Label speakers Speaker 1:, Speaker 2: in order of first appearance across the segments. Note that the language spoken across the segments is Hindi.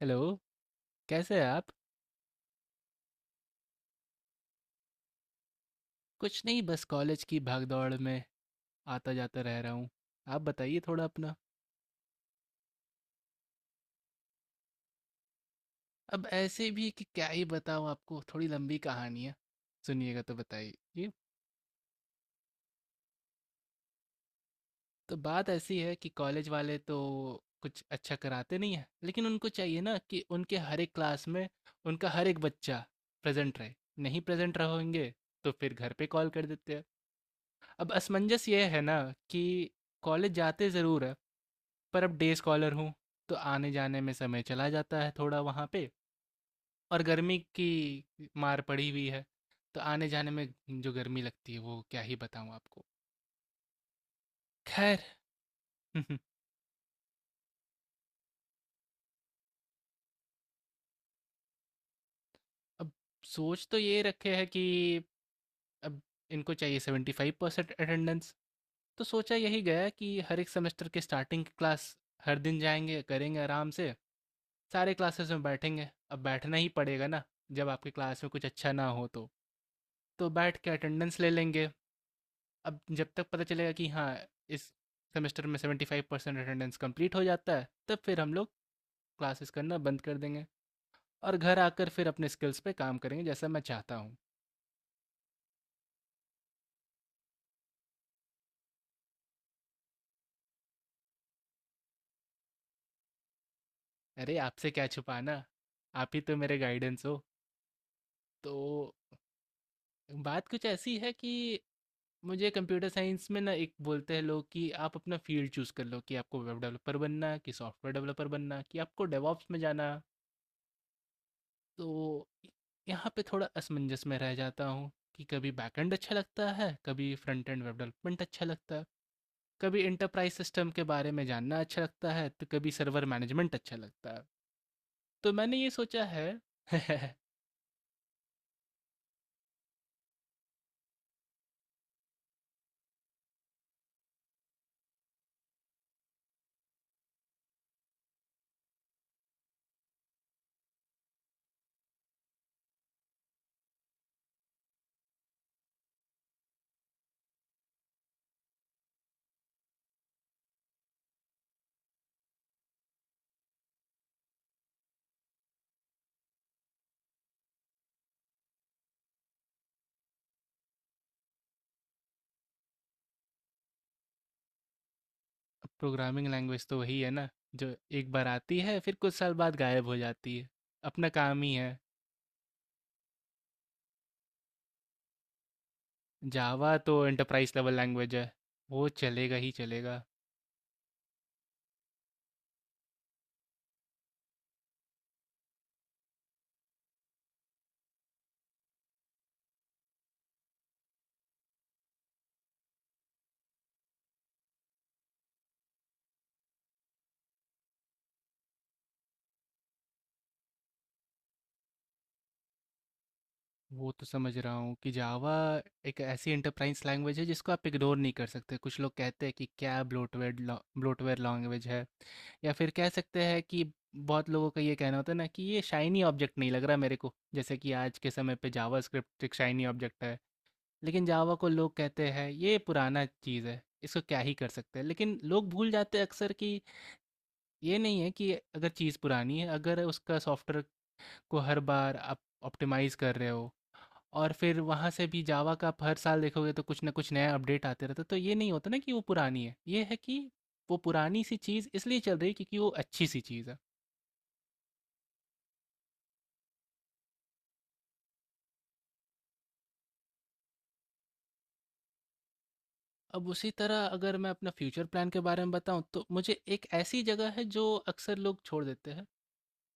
Speaker 1: हेलो। कैसे हैं आप? कुछ नहीं, बस कॉलेज की भागदौड़ में आता जाता रह रहा हूँ। आप बताइए थोड़ा अपना। अब ऐसे भी कि क्या ही बताऊँ आपको, थोड़ी लंबी कहानी है, सुनिएगा तो बताइए जी। तो बात ऐसी है कि कॉलेज वाले तो कुछ अच्छा कराते नहीं है, लेकिन उनको चाहिए ना कि उनके हर एक क्लास में उनका हर एक बच्चा प्रेजेंट रहे। नहीं प्रेजेंट रहेंगे तो फिर घर पे कॉल कर देते हैं। अब असमंजस ये है ना कि कॉलेज जाते ज़रूर है पर अब डे स्कॉलर हूँ। तो आने जाने में समय चला जाता है थोड़ा वहाँ पे। और गर्मी की मार पड़ी हुई है, तो आने जाने में जो गर्मी लगती है वो क्या ही बताऊँ आपको। खैर अब सोच तो ये रखे है कि अब इनको चाहिए 75% अटेंडेंस। तो सोचा यही गया कि हर एक सेमेस्टर के स्टार्टिंग की क्लास हर दिन जाएंगे, करेंगे आराम से, सारे क्लासेस में बैठेंगे। अब बैठना ही पड़ेगा ना, जब आपकी क्लास में कुछ अच्छा ना हो तो बैठ के अटेंडेंस ले लेंगे। अब जब तक पता चलेगा कि हाँ, इस सेमेस्टर में 75% अटेंडेंस कंप्लीट हो जाता है, तब फिर हम लोग क्लासेस करना बंद कर देंगे और घर आकर फिर अपने स्किल्स पे काम करेंगे जैसा मैं चाहता हूँ। अरे आपसे क्या छुपाना, आप ही तो मेरे गाइडेंस हो। तो बात कुछ ऐसी है कि मुझे कंप्यूटर साइंस में ना एक बोलते हैं लोग कि आप अपना फील्ड चूज़ कर लो, कि आपको वेब डेवलपर बनना है कि सॉफ्टवेयर डेवलपर बनना है कि आपको डेवॉप्स में जाना है। तो यहाँ पे थोड़ा असमंजस में रह जाता हूँ कि कभी बैकएंड अच्छा लगता है, कभी फ्रंट एंड वेब डेवलपमेंट अच्छा लगता है, कभी इंटरप्राइज सिस्टम के बारे में जानना अच्छा लगता है, तो कभी सर्वर मैनेजमेंट अच्छा लगता है। तो मैंने ये सोचा है प्रोग्रामिंग लैंग्वेज तो वही है ना, जो एक बार आती है फिर कुछ साल बाद गायब हो जाती है, अपना काम ही है। जावा तो एंटरप्राइज लेवल लैंग्वेज है, वो चलेगा ही चलेगा। वो तो समझ रहा हूँ कि जावा एक ऐसी एंटरप्राइज लैंग्वेज है जिसको आप इग्नोर नहीं कर सकते। कुछ लोग कहते हैं कि क्या ब्लोटवेयर ब्लोटवेयर लैंग्वेज है, या फिर कह सकते हैं कि बहुत लोगों का ये कहना होता है ना कि ये शाइनी ऑब्जेक्ट नहीं लग रहा मेरे को, जैसे कि आज के समय पे जावा स्क्रिप्ट एक शाइनी ऑब्जेक्ट है। लेकिन जावा को लोग कहते हैं ये पुराना चीज़ है, इसको क्या ही कर सकते हैं। लेकिन लोग भूल जाते हैं अक्सर कि ये नहीं है कि अगर चीज़ पुरानी है। अगर उसका सॉफ्टवेयर को हर बार आप ऑप्टिमाइज़ कर रहे हो, और फिर वहाँ से भी जावा का आप हर साल देखोगे तो कुछ ना कुछ नया अपडेट आते रहता है, तो ये नहीं होता ना कि वो पुरानी है, ये है कि वो पुरानी सी चीज़ इसलिए चल रही है क्योंकि वो अच्छी सी चीज़ है। अब उसी तरह अगर मैं अपना फ्यूचर प्लान के बारे में बताऊं तो मुझे एक ऐसी जगह है जो अक्सर लोग छोड़ देते हैं।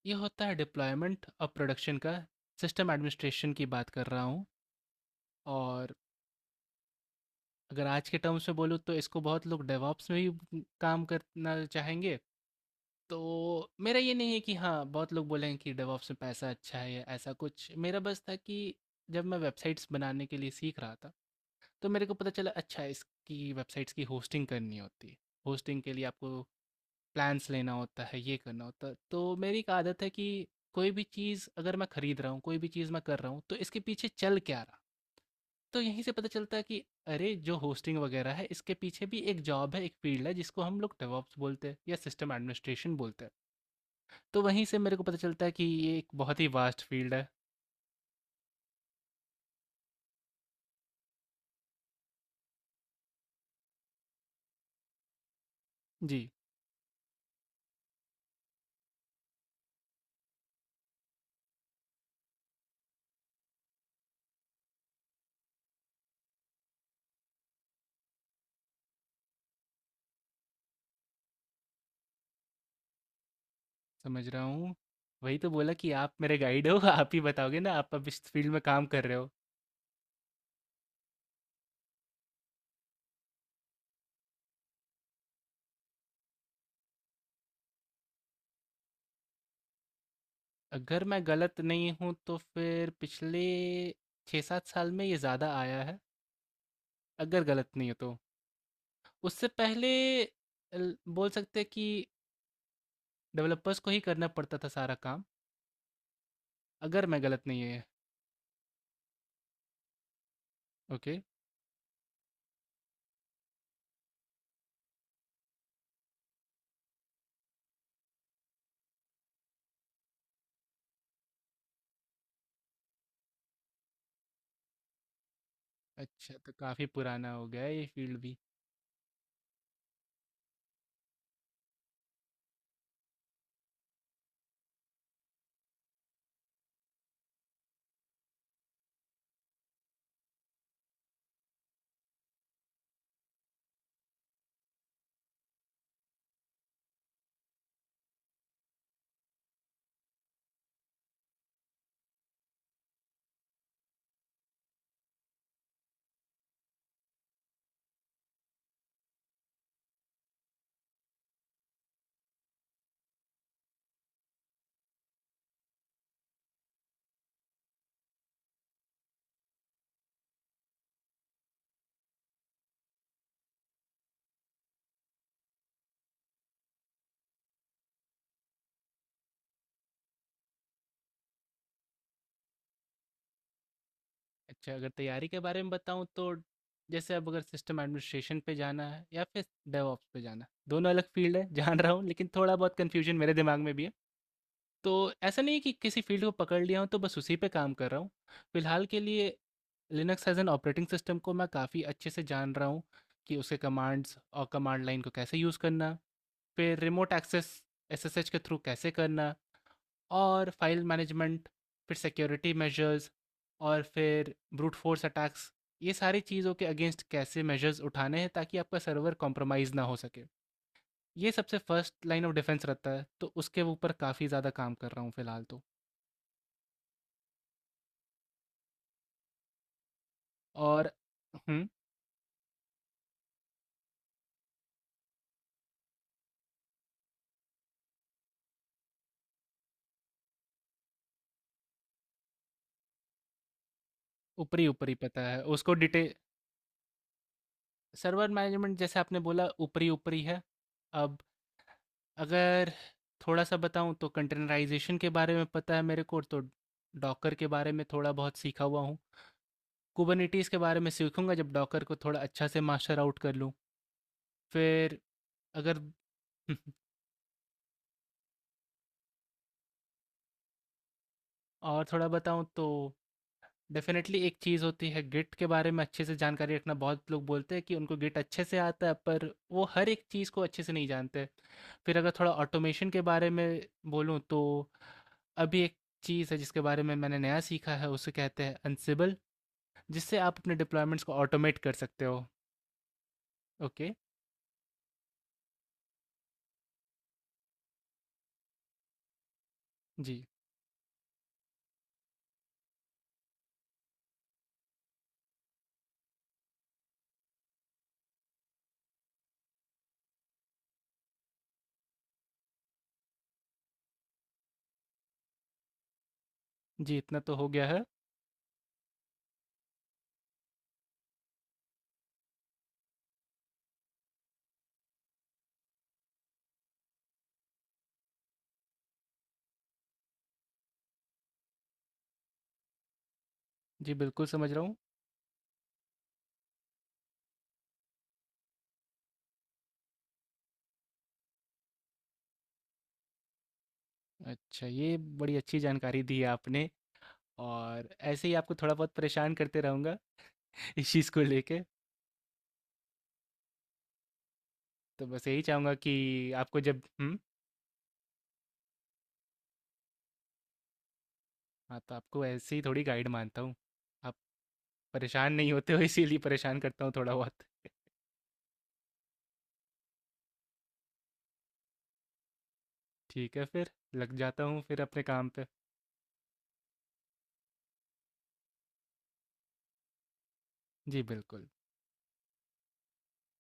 Speaker 1: ये होता है डिप्लॉयमेंट और प्रोडक्शन का। सिस्टम एडमिनिस्ट्रेशन की बात कर रहा हूँ। और अगर आज के टर्म्स में बोलूँ तो इसको बहुत लोग डेवॉप्स में भी काम करना चाहेंगे। तो मेरा ये नहीं है कि हाँ, बहुत लोग बोलेंगे कि डेवॉप्स में पैसा अच्छा है या ऐसा कुछ। मेरा बस था कि जब मैं वेबसाइट्स बनाने के लिए सीख रहा था तो मेरे को पता चला, अच्छा इसकी वेबसाइट्स की होस्टिंग करनी होती है। होस्टिंग के लिए आपको प्लान्स लेना होता है, ये करना होता है। तो मेरी एक आदत है कि कोई भी चीज़ अगर मैं खरीद रहा हूँ, कोई भी चीज़ मैं कर रहा हूँ, तो इसके पीछे चल क्या रहा? तो यहीं से पता चलता है कि अरे जो होस्टिंग वगैरह है, इसके पीछे भी एक जॉब है, एक फील्ड है जिसको हम लोग डेवऑप्स बोलते हैं या सिस्टम एडमिनिस्ट्रेशन बोलते हैं। तो वहीं से मेरे को पता चलता है कि ये एक बहुत ही वास्ट फील्ड है। जी, समझ रहा हूँ। वही तो बोला कि आप मेरे गाइड हो, आप ही बताओगे ना, आप अब इस फील्ड में काम कर रहे हो। अगर मैं गलत नहीं हूँ तो फिर पिछले छः सात साल में ये ज़्यादा आया है, अगर गलत नहीं हो तो। उससे पहले बोल सकते हैं कि डेवलपर्स को ही करना पड़ता था सारा काम, अगर मैं गलत नहीं है। ओके। अच्छा, तो काफ़ी पुराना हो गया है ये फील्ड भी। अच्छा, अगर तैयारी के बारे में बताऊँ तो जैसे अब अगर सिस्टम एडमिनिस्ट्रेशन पे जाना है या फिर डेवऑप्स पे जाना है, दोनों अलग फील्ड है जान रहा हूँ लेकिन थोड़ा बहुत कन्फ्यूजन मेरे दिमाग में भी है। तो ऐसा नहीं है कि किसी फील्ड को पकड़ लिया हूँ तो बस उसी पे काम कर रहा हूँ। फिलहाल के लिए Linux as an operating system को मैं काफ़ी अच्छे से जान रहा हूँ, कि उसके कमांड्स और कमांड लाइन को कैसे यूज़ करना, फिर रिमोट एक्सेस एसएसएच के थ्रू कैसे करना, और फाइल मैनेजमेंट, फिर सिक्योरिटी मेजर्स, और फिर ब्रूट फोर्स अटैक्स, ये सारी चीज़ों के अगेंस्ट कैसे मेजर्स उठाने हैं ताकि आपका सर्वर कॉम्प्रोमाइज़ ना हो सके। ये सबसे फर्स्ट लाइन ऑफ डिफेंस रहता है, तो उसके ऊपर काफ़ी ज़्यादा काम कर रहा हूँ फ़िलहाल तो। और हम्म। ऊपरी ऊपरी पता है, उसको डिटेल। सर्वर मैनेजमेंट जैसे आपने बोला ऊपरी ऊपरी है। अब अगर थोड़ा सा बताऊं तो कंटेनराइजेशन के बारे में पता है मेरे को, तो डॉकर के बारे में थोड़ा बहुत सीखा हुआ हूँ। कुबरनिटीज़ के बारे में सीखूँगा जब डॉकर को थोड़ा अच्छा से मास्टर आउट कर लूँ। फिर अगर और थोड़ा बताऊँ तो डेफ़िनेटली एक चीज़ होती है गिट के बारे में अच्छे से जानकारी रखना। बहुत लोग बोलते हैं कि उनको गिट अच्छे से आता है, पर वो हर एक चीज़ को अच्छे से नहीं जानते। फिर अगर थोड़ा ऑटोमेशन के बारे में बोलूँ तो अभी एक चीज़ है जिसके बारे में मैंने नया सीखा है, उसे कहते हैं अनसिबल, जिससे आप अपने डिप्लॉयमेंट्स को ऑटोमेट कर सकते हो। ओके, जी। जी, इतना तो हो गया है। जी, बिल्कुल समझ रहा हूँ। अच्छा, ये बड़ी अच्छी जानकारी दी है आपने, और ऐसे ही आपको थोड़ा बहुत परेशान करते रहूँगा इस चीज़ को लेके। तो बस यही चाहूँगा कि आपको जब हम्म, हाँ तो आपको ऐसे ही थोड़ी गाइड मानता हूँ आप। परेशान नहीं होते हो इसीलिए परेशान करता हूँ थोड़ा बहुत। ठीक है फिर लग जाता हूँ फिर अपने काम पे। जी बिल्कुल।